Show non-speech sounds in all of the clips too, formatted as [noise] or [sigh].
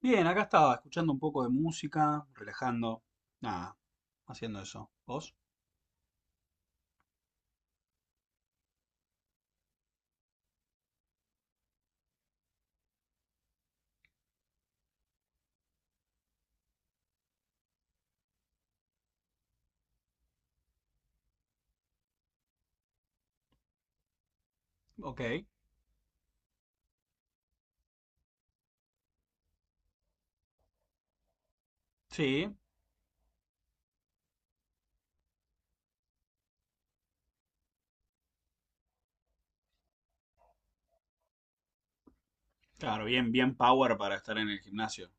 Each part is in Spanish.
Bien, acá estaba, escuchando un poco de música, relajando, nada, haciendo eso. ¿Vos? Ok. Sí, claro, bien, bien power para estar en el gimnasio.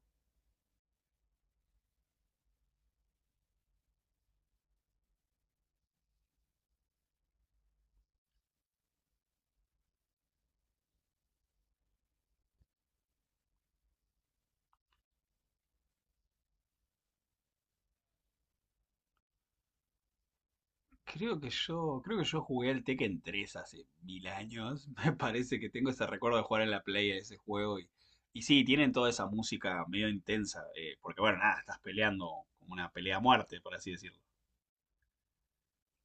Creo que yo jugué al Tekken 3 hace mil años. [laughs] Me parece que tengo ese recuerdo de jugar en la Play a ese juego y sí, tienen toda esa música medio intensa, porque bueno, nada, estás peleando como una pelea a muerte, por así decirlo.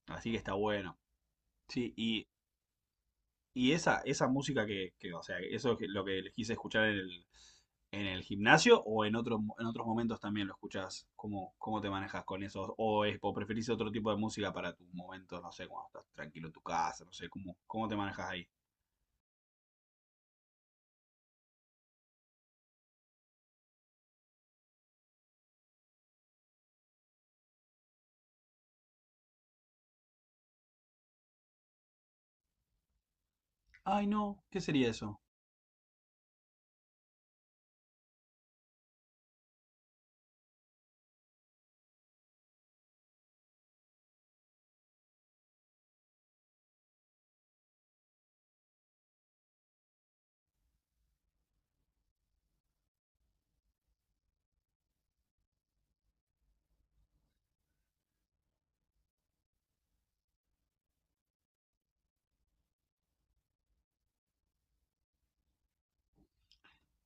Así que está bueno. Sí, y esa música que, o sea, eso es lo que les quise escuchar en el gimnasio o en otros momentos también lo escuchás. ¿Cómo te manejas con eso? ¿ O preferís otro tipo de música para tus momentos, no sé, cuando estás tranquilo en tu casa, no sé, cómo te manejas ahí? Ay, no, ¿qué sería eso?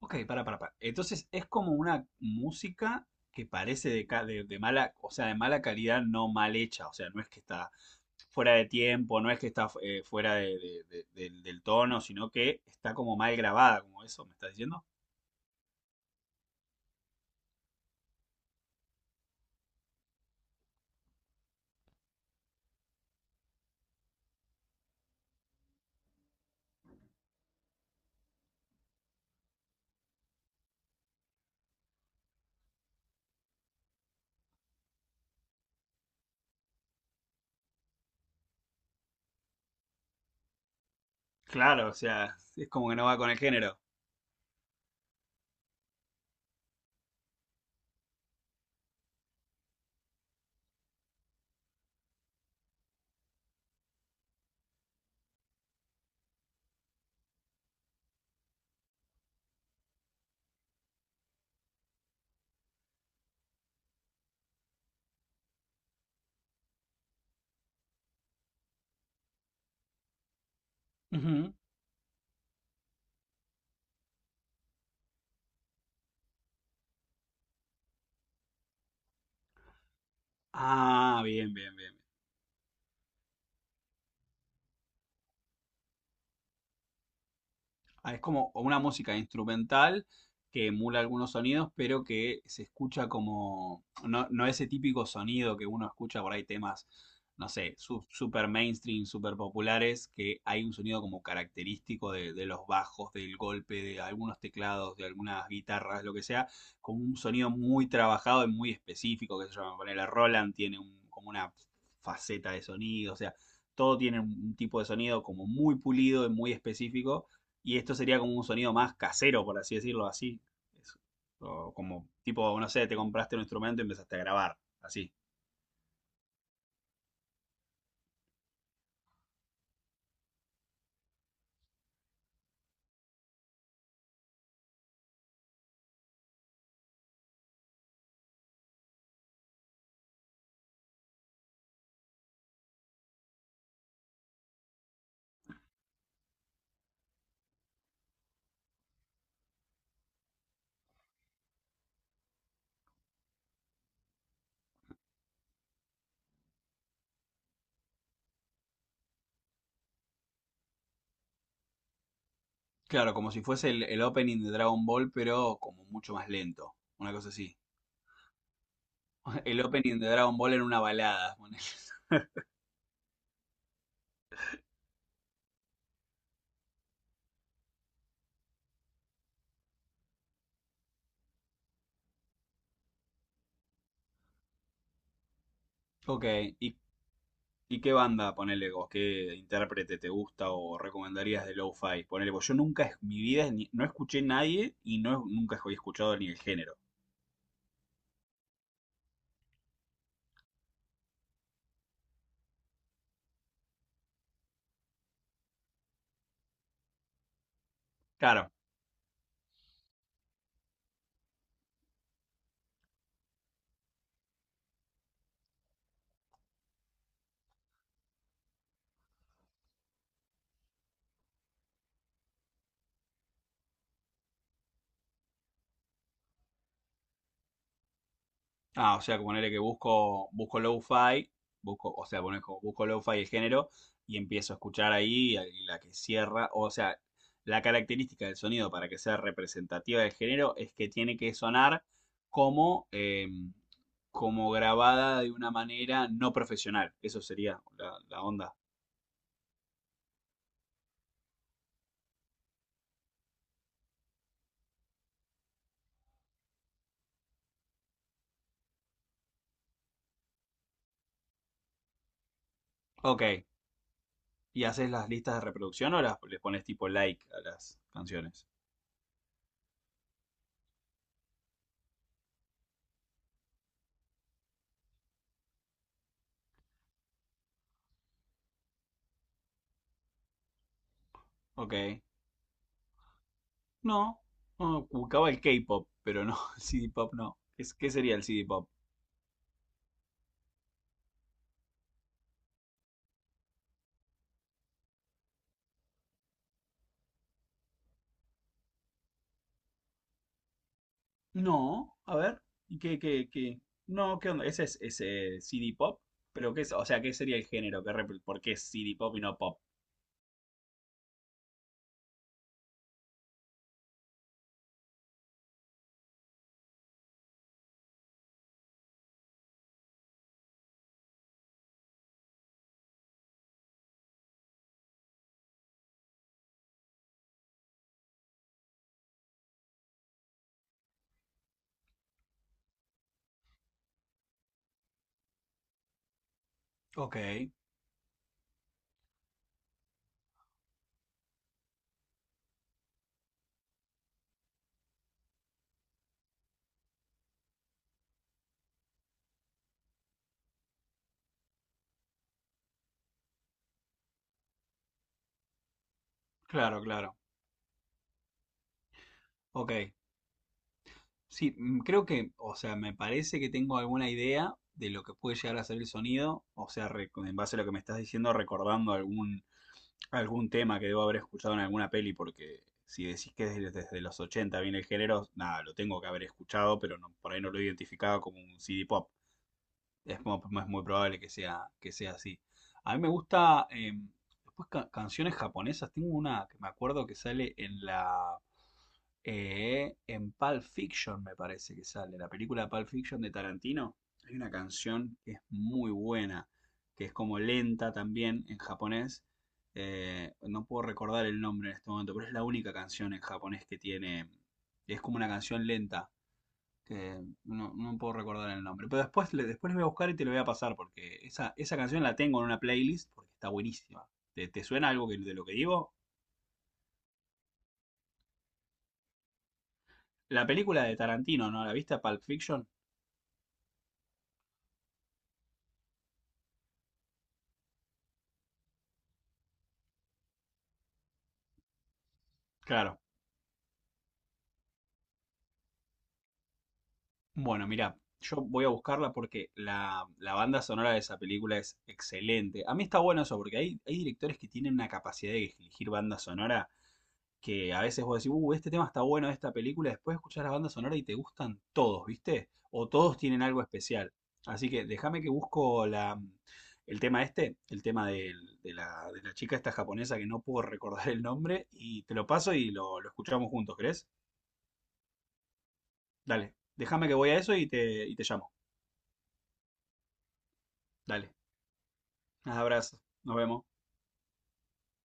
Ok, para, para. Entonces es como una música que parece de mala, o sea, de mala calidad, no mal hecha. O sea, no es que está fuera de tiempo, no es que está fuera del tono, sino que está como mal grabada, como eso, ¿me estás diciendo? Claro, o sea, es como que no va con el género. Ujú. Ah, bien, bien, bien. Ah, es como una música instrumental que emula algunos sonidos, pero que se escucha como, no ese típico sonido que uno escucha por ahí temas, no sé, super mainstream, super populares, que hay un sonido como característico de los bajos, del golpe, de algunos teclados, de algunas guitarras, lo que sea, como un sonido muy trabajado y muy específico, que se llama, ponele Roland tiene como una faceta de sonido, o sea, todo tiene un tipo de sonido como muy pulido y muy específico y esto sería como un sonido más casero, por así decirlo, así. Es- o como tipo, no sé, te compraste un instrumento y empezaste a grabar, así. Claro, como si fuese el opening de Dragon Ball, pero como mucho más lento, una cosa así. [laughs] El opening de Dragon Ball en una balada. Ponele. [laughs] Ok, ¿y, y qué banda, ponele vos, qué intérprete te gusta o recomendarías de lo-fi? Ponele vos, yo nunca en mi vida no escuché nadie y no, nunca he escuchado ni el género. Claro. Ah, o sea, que ponele que busco lo-fi, ponele como busco lo-fi el género y empiezo a escuchar ahí y la que cierra, o sea, la característica del sonido para que sea representativa del género es que tiene que sonar como, como grabada de una manera no profesional. Eso sería la onda. Ok, ¿y haces las listas de reproducción o las, les pones tipo like a las canciones? Ok. No, no, buscaba el K-pop, pero no, [laughs] el CD pop no. ¿ Qué sería el CD pop? No, a ver, ¿y qué? No, ¿qué onda? ¿Ese es ese CD pop? Pero qué es, o sea, ¿qué sería el género? ¿Por qué es CD pop y no pop? Ok, claro, claro. Ok. Sí, mm, creo que, o sea, me parece que tengo alguna idea de lo que puede llegar a ser el sonido. O sea, en base a lo que me estás diciendo, recordando algún tema que debo haber escuchado en alguna peli, porque si decís que desde los 80 viene el género, nada, lo tengo que haber escuchado, pero no, por ahí no lo he identificado como un CD pop. Es muy probable que sea, así. A mí me gusta, después canciones japonesas, tengo una que me acuerdo que sale en en Pulp Fiction me parece que sale, la película Pulp Fiction de Tarantino, hay una canción que es muy buena, que es como lenta también en japonés, no puedo recordar el nombre en este momento, pero es la única canción en japonés que tiene, es como una canción lenta que no puedo recordar el nombre. Pero después, después voy a buscar y te lo voy a pasar porque esa canción la tengo en una playlist porque está buenísima. ¿Te suena algo que- de lo que digo? La película de Tarantino, ¿no? ¿La viste? Pulp Fiction. Claro. Bueno, mira, yo voy a buscarla porque la banda sonora de esa película es excelente. A mí está bueno eso porque hay directores que tienen una capacidad de elegir banda sonora que a veces vos decís, este tema está bueno de esta película, después escuchás la banda sonora y te gustan todos, ¿viste? O todos tienen algo especial. Así que déjame que busco el tema este, el tema de la chica esta japonesa que no puedo [laughs] recordar el nombre, y te lo paso y lo escuchamos juntos, ¿crees? Dale, déjame que voy a eso y te llamo. Dale, un abrazo, nos vemos.